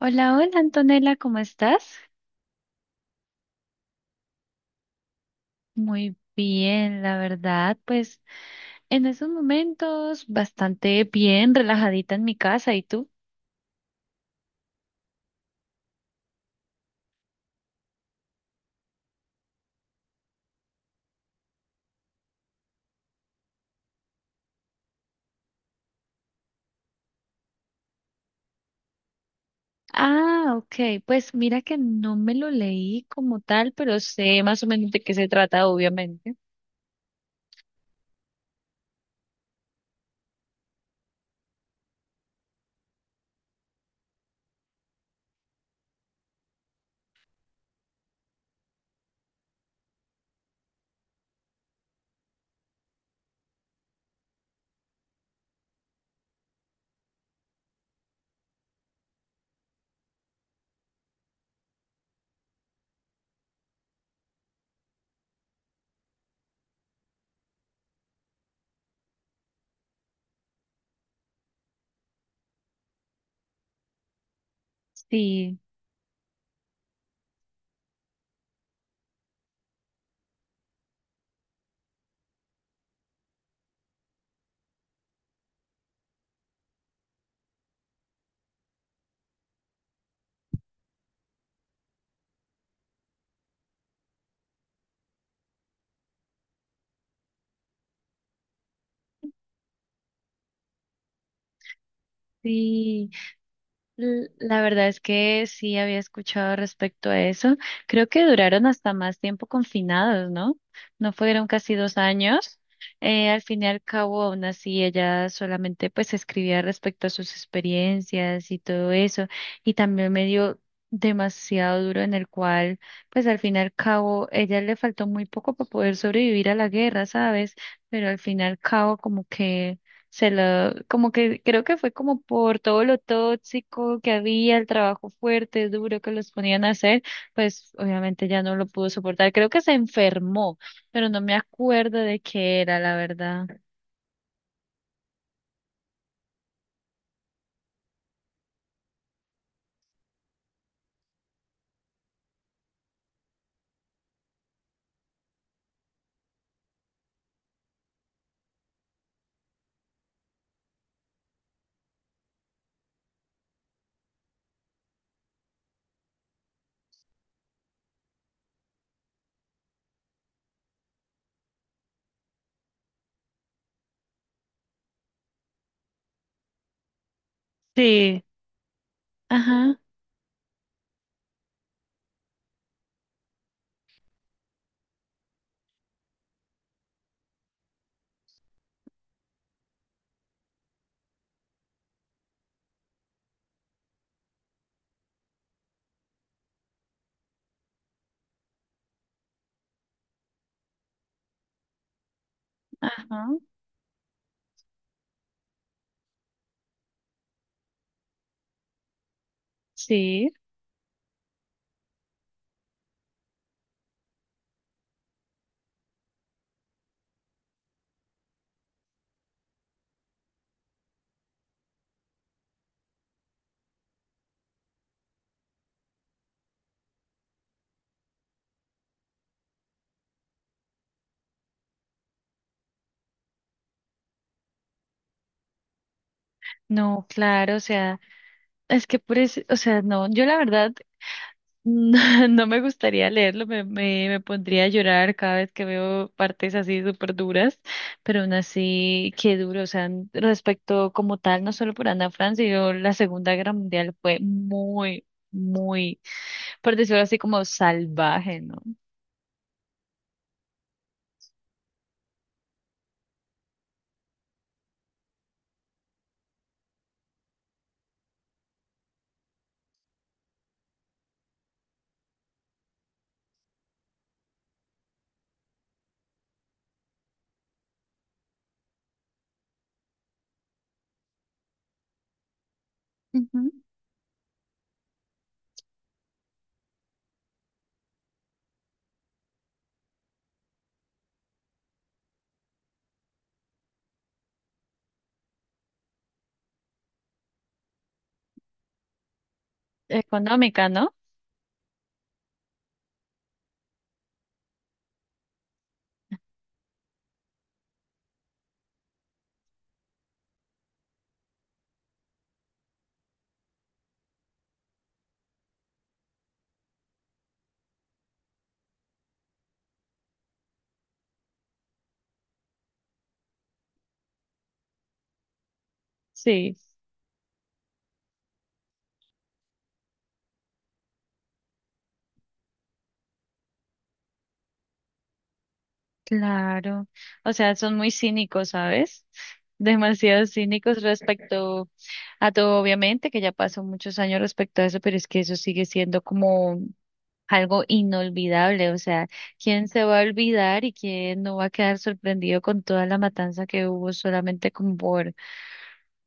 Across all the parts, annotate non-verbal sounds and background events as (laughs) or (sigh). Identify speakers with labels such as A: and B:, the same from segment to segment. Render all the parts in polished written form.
A: Hola, hola Antonella, ¿cómo estás? Muy bien, la verdad, pues en esos momentos bastante bien, relajadita en mi casa, ¿y tú? Ah, ok, pues mira que no me lo leí como tal, pero sé más o menos de qué se trata, obviamente. Sí, sí. La verdad es que sí había escuchado respecto a eso. Creo que duraron hasta más tiempo confinados, ¿no? No fueron casi 2 años. Al fin y al cabo, aún así, ella solamente pues escribía respecto a sus experiencias y todo eso. Y también me dio demasiado duro en el cual, pues al fin y al cabo, ella le faltó muy poco para poder sobrevivir a la guerra, ¿sabes? Pero al fin y al cabo, como que se lo, como que creo que fue como por todo lo tóxico que había, el trabajo fuerte, duro que los ponían a hacer, pues obviamente ya no lo pudo soportar. Creo que se enfermó, pero no me acuerdo de qué era, la verdad. Sí, ajá, ajá, sí. No, claro, o sea, es que por eso, o sea, no, yo la verdad no, (laughs) no me gustaría leerlo, me pondría a llorar cada vez que veo partes así súper duras, pero aún así, qué duro, o sea, respecto como tal, no solo por Ana Frank, sino la Segunda Guerra Mundial fue muy, muy, por decirlo así, como salvaje, ¿no? Ujú. ¿Económica, no? Sí. Claro, o sea, son muy cínicos, ¿sabes? (laughs) Demasiado cínicos respecto a todo, obviamente, que ya pasó muchos años respecto a eso, pero es que eso sigue siendo como algo inolvidable, o sea, ¿quién se va a olvidar y quién no va a quedar sorprendido con toda la matanza que hubo solamente como por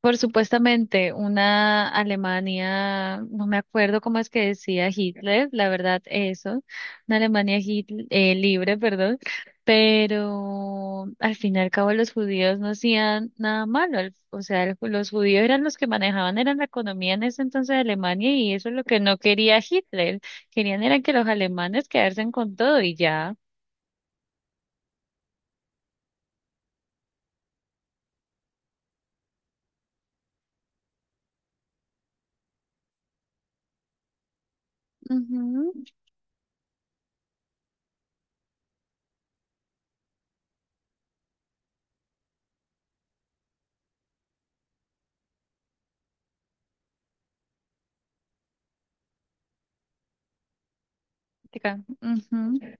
A: supuestamente una Alemania? No me acuerdo cómo es que decía Hitler, la verdad eso, una Alemania libre, perdón, pero al fin y al cabo los judíos no hacían nada malo, o sea, los judíos eran los que manejaban, eran la economía en ese entonces de Alemania y eso es lo que no quería Hitler, querían era que los alemanes quedarse con todo y ya. Ujú, chica, ujú.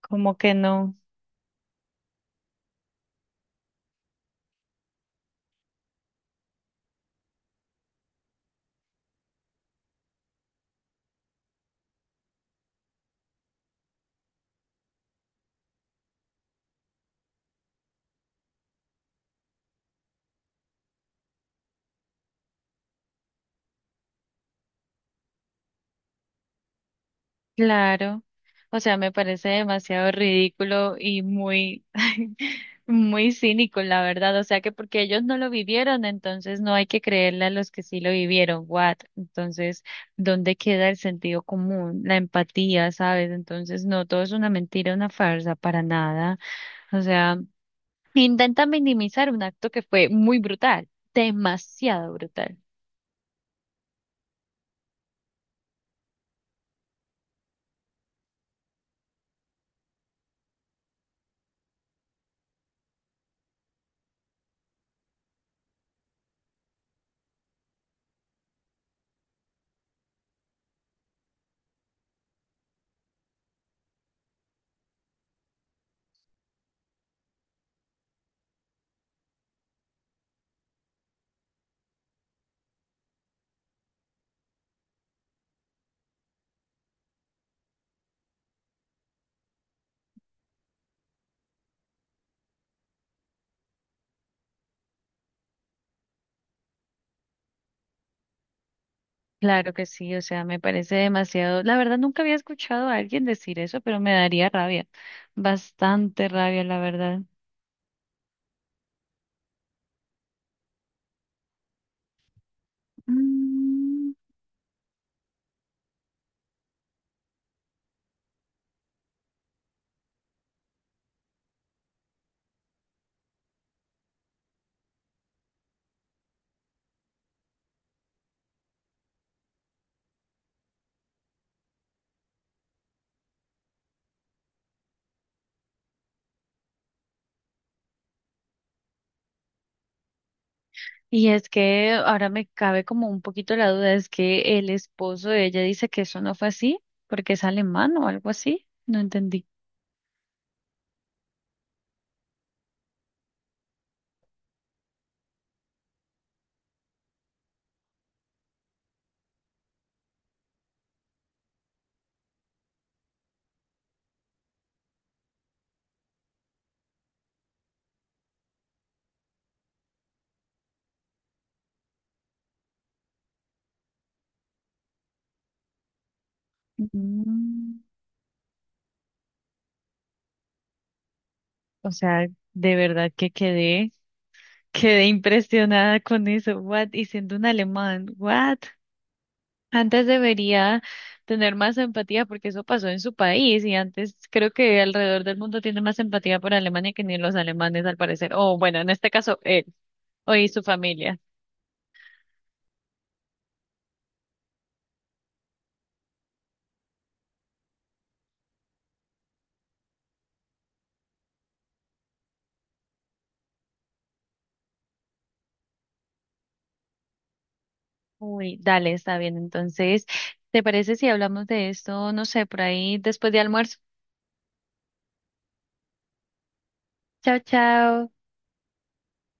A: Como que no. Claro, o sea, me parece demasiado ridículo y muy, (laughs) muy cínico, la verdad. O sea, que porque ellos no lo vivieron, entonces no hay que creerle a los que sí lo vivieron. What? Entonces, ¿dónde queda el sentido común, la empatía, sabes? Entonces, no, todo es una mentira, una farsa, para nada. O sea, intenta minimizar un acto que fue muy brutal, demasiado brutal. Claro que sí, o sea, me parece demasiado. La verdad, nunca había escuchado a alguien decir eso, pero me daría rabia, bastante rabia, la verdad. Mm. Y es que ahora me cabe como un poquito la duda, es que el esposo de ella dice que eso no fue así, porque es alemán o algo así. No entendí. Mm, o sea, de verdad que quedé, quedé impresionada con eso. What? Y siendo un alemán, what? Antes debería tener más empatía porque eso pasó en su país y antes creo que alrededor del mundo tiene más empatía por Alemania que ni los alemanes al parecer. O bueno, en este caso él o y su familia. Uy, dale, está bien. Entonces, ¿te parece si hablamos de esto, no sé, por ahí después de almuerzo? Chao, chao.